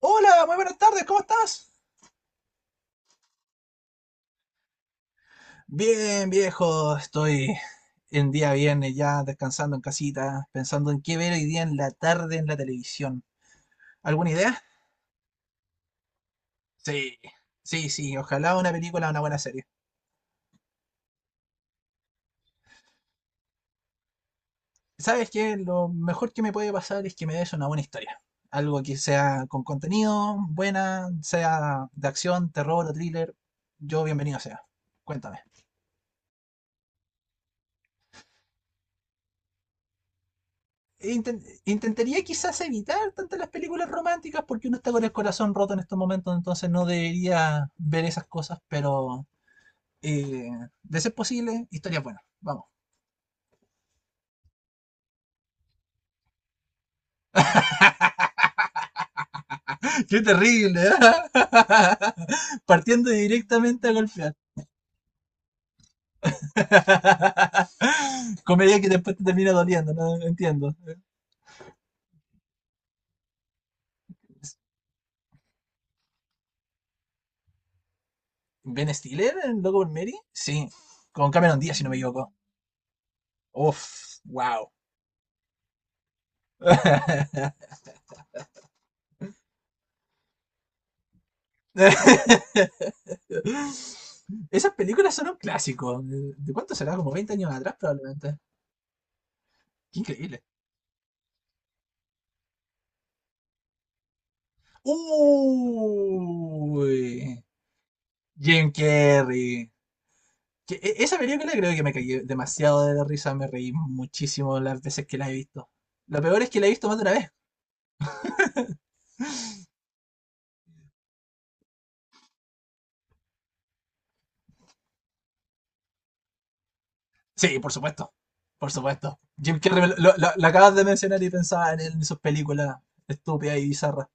Hola, muy buenas tardes, ¿cómo estás? Bien, viejo, estoy en día viernes ya descansando en casita, pensando en qué ver hoy día en la tarde en la televisión. ¿Alguna idea? Sí, sí, sí, ojalá una película o una buena serie. ¿Sabes qué? Lo mejor que me puede pasar es que me des una buena historia. Algo que sea con contenido, buena, sea de acción, terror o thriller. Yo bienvenido sea. Cuéntame. Intentaría quizás evitar tantas las películas románticas porque uno está con el corazón roto en estos momentos, entonces no debería ver esas cosas, pero eh, de ser posible, historias buenas. Vamos. Qué terrible, ¿eh? Partiendo directamente a golpear. Comedia que después te termina doliendo, no entiendo. ¿Ben Stiller en Loco por Mary? Sí, con Cameron Díaz, si no me equivoco. Uf, wow. Esas películas son un clásico. ¿De cuánto será? Como 20 años atrás, probablemente. Qué increíble. Uy, Jim Carrey. Esa película creo que me caí demasiado de la risa. Me reí muchísimo las veces que la he visto. Lo peor es que la he visto más de una vez. Sí, por supuesto. Por supuesto. Jim Carrey, me lo acabas de mencionar y pensaba en él, en sus películas estúpidas y bizarras.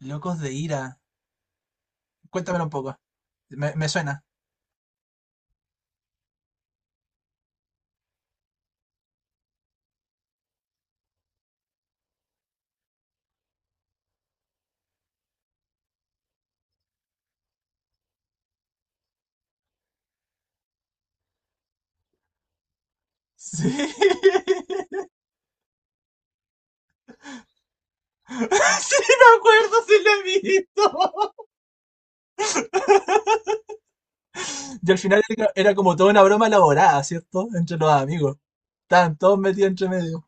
Locos de ira. Cuéntamelo un poco. Me suena. Sí. Sí, me acuerdo, sí lo he visto. Y al final era como toda una broma elaborada, ¿cierto? Entre los amigos. Estaban todos metidos entre medio.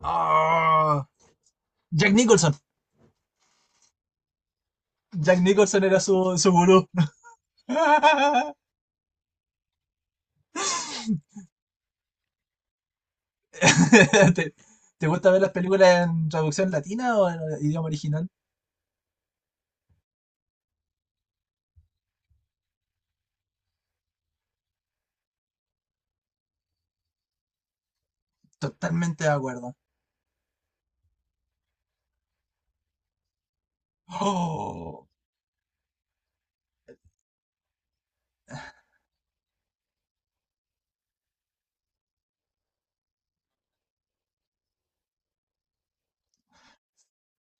Ah, Jack Nicholson. Jack Nicholson era su, su gurú. ¿Te, te gusta ver las películas en traducción latina o en idioma original? Totalmente de acuerdo. Oh.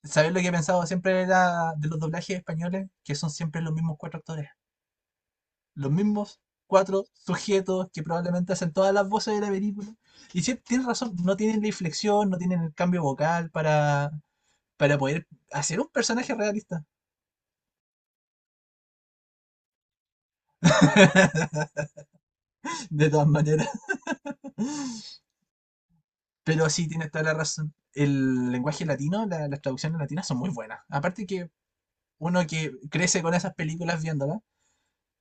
¿Sabes lo que he pensado siempre era de los doblajes españoles? Que son siempre los mismos cuatro actores. Los mismos cuatro sujetos que probablemente hacen todas las voces de la película. Y sí, tienes razón, no tienen la inflexión, no tienen el cambio vocal para poder hacer un personaje realista. De todas maneras. Pero sí, tienes toda la razón. El lenguaje latino, las traducciones latinas son muy buenas. Aparte que uno que crece con esas películas viéndolas,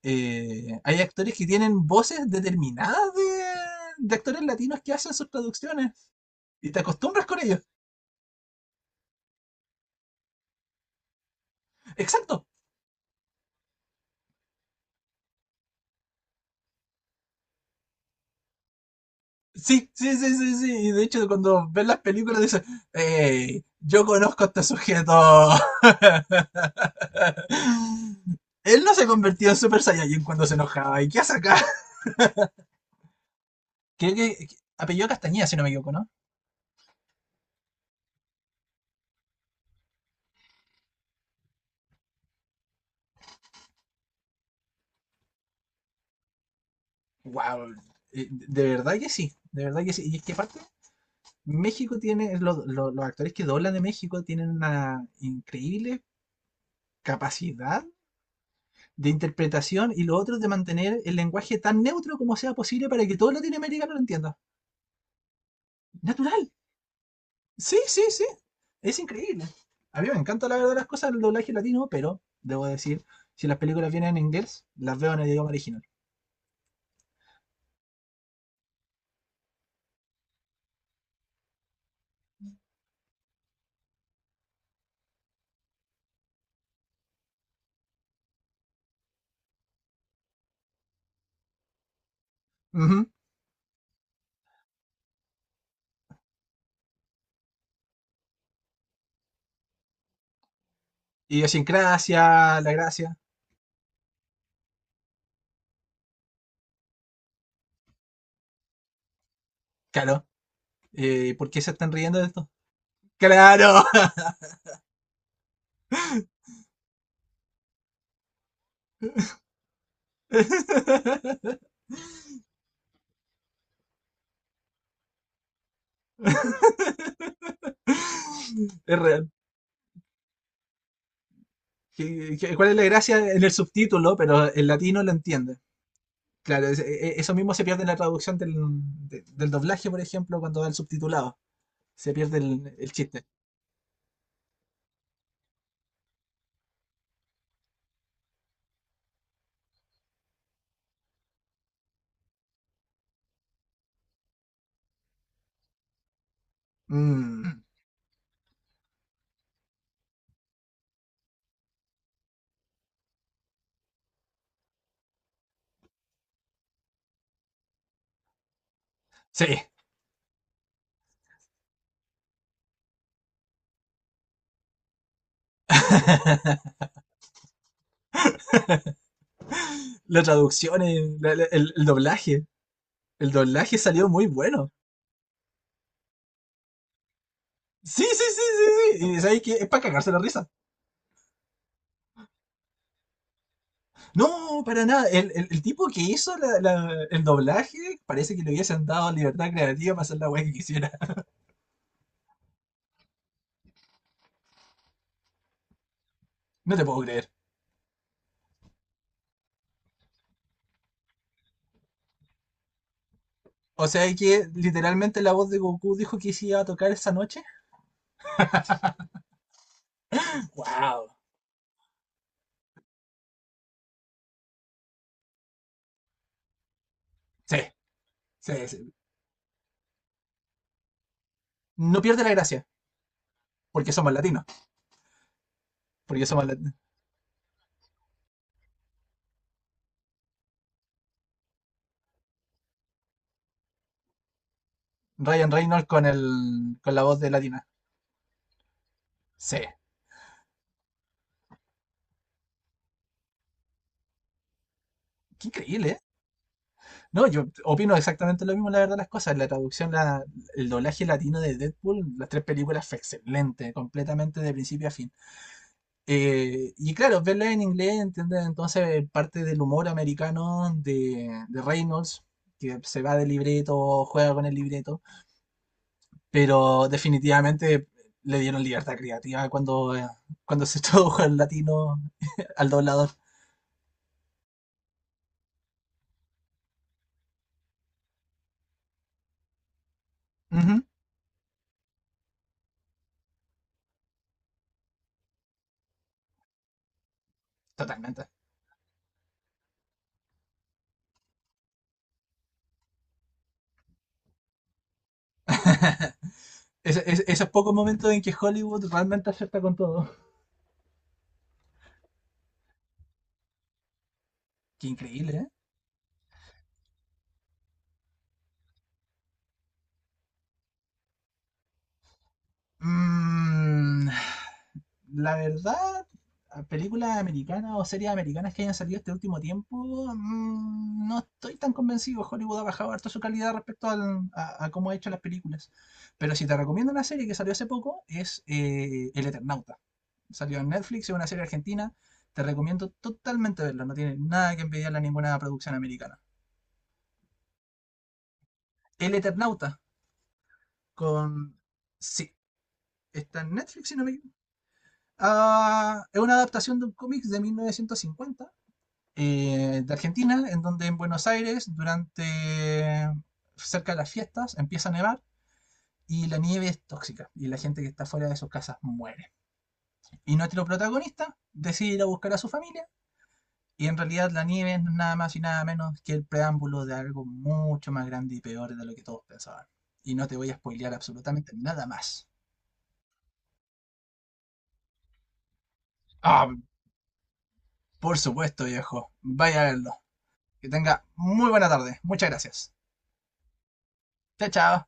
hay actores que tienen voces determinadas de actores latinos que hacen sus traducciones. Y te acostumbras con ellos. Exacto. Sí, sí, sí, sí, sí. Y de hecho, cuando ves las películas, dices, hey, yo conozco a este sujeto. Él no se convirtió en Super Saiyajin cuando se enojaba. ¿Y qué hace acá? Creo que- apellido Castañeda, si no me equivoco, ¿no? Wow. De verdad que sí, de verdad que sí. Y es que aparte, México tiene, los actores que doblan de México tienen una increíble capacidad de interpretación y lo otro es de mantener el lenguaje tan neutro como sea posible para que todo Latinoamérica lo entienda. Natural. Sí, sí, sí. Es increíble. A mí me encanta la verdad las cosas del doblaje latino, pero debo decir, si las películas vienen en inglés, las veo en el idioma original. Ujú. Idiosincrasia, la gracia. Claro. ¿Por qué se están riendo de esto? ¡Claro! Es real. ¿Qué- qué- ¿Cuál es la gracia en el subtítulo? Pero el latino lo entiende. Claro, es- e- e, eso mismo se pierde en la traducción del, del doblaje, por ejemplo, cuando va el subtitulado. Se pierde el chiste. Mm, sí. La traducción, el doblaje. El doblaje salió muy bueno. Sí, sí, sí, sí, sí. Y sabes que es para cagarse la risa. No, para nada. El, el tipo que hizo el doblaje parece que le hubiesen dado libertad creativa para hacer la weá que quisiera. No te puedo creer. O sea que literalmente la voz de Goku dijo que se iba a tocar esa noche. ¡Wow! Sí, sí, sí. No pierde la gracia, porque somos latinos. Porque somos latinos. Ryan Reynolds con el, con la voz de latina. Sí. Qué increíble. No, yo opino exactamente lo mismo, la verdad, las cosas. La traducción, el doblaje latino de Deadpool, las tres películas fue excelente, completamente de principio a fin. Y claro, verla en inglés, ¿entiendes? Entonces, parte del humor americano de Reynolds, que se va de libreto, juega con el libreto, pero definitivamente le dieron libertad creativa cuando, cuando se tradujo al latino, al doblador. Ujú, totalmente. Esos pocos momentos en que Hollywood realmente acierta con todo. Qué increíble, ¿eh? Mm, la verdad, películas americanas o series americanas que hayan salido este último tiempo, mm, no estoy tan convencido. Hollywood ha bajado harto su calidad respecto a cómo ha hecho las películas. Pero si te recomiendo una serie que salió hace poco, es El Eternauta. Salió en Netflix, es una serie argentina. Te recomiendo totalmente verla, no tiene nada que envidiarle a ninguna producción americana. El Eternauta, con... Sí, está en Netflix, si no me es una adaptación de un cómic de 1950, de Argentina, en donde en Buenos Aires, durante cerca de las fiestas, empieza a nevar y la nieve es tóxica y la gente que está fuera de sus casas muere. Y nuestro protagonista decide ir a buscar a su familia y en realidad la nieve no es nada más y nada menos que el preámbulo de algo mucho más grande y peor de lo que todos pensaban. Y no te voy a spoilear absolutamente nada más. Ah, por supuesto, viejo. Vaya a verlo. Que tenga muy buena tarde. Muchas gracias. Chao, chao.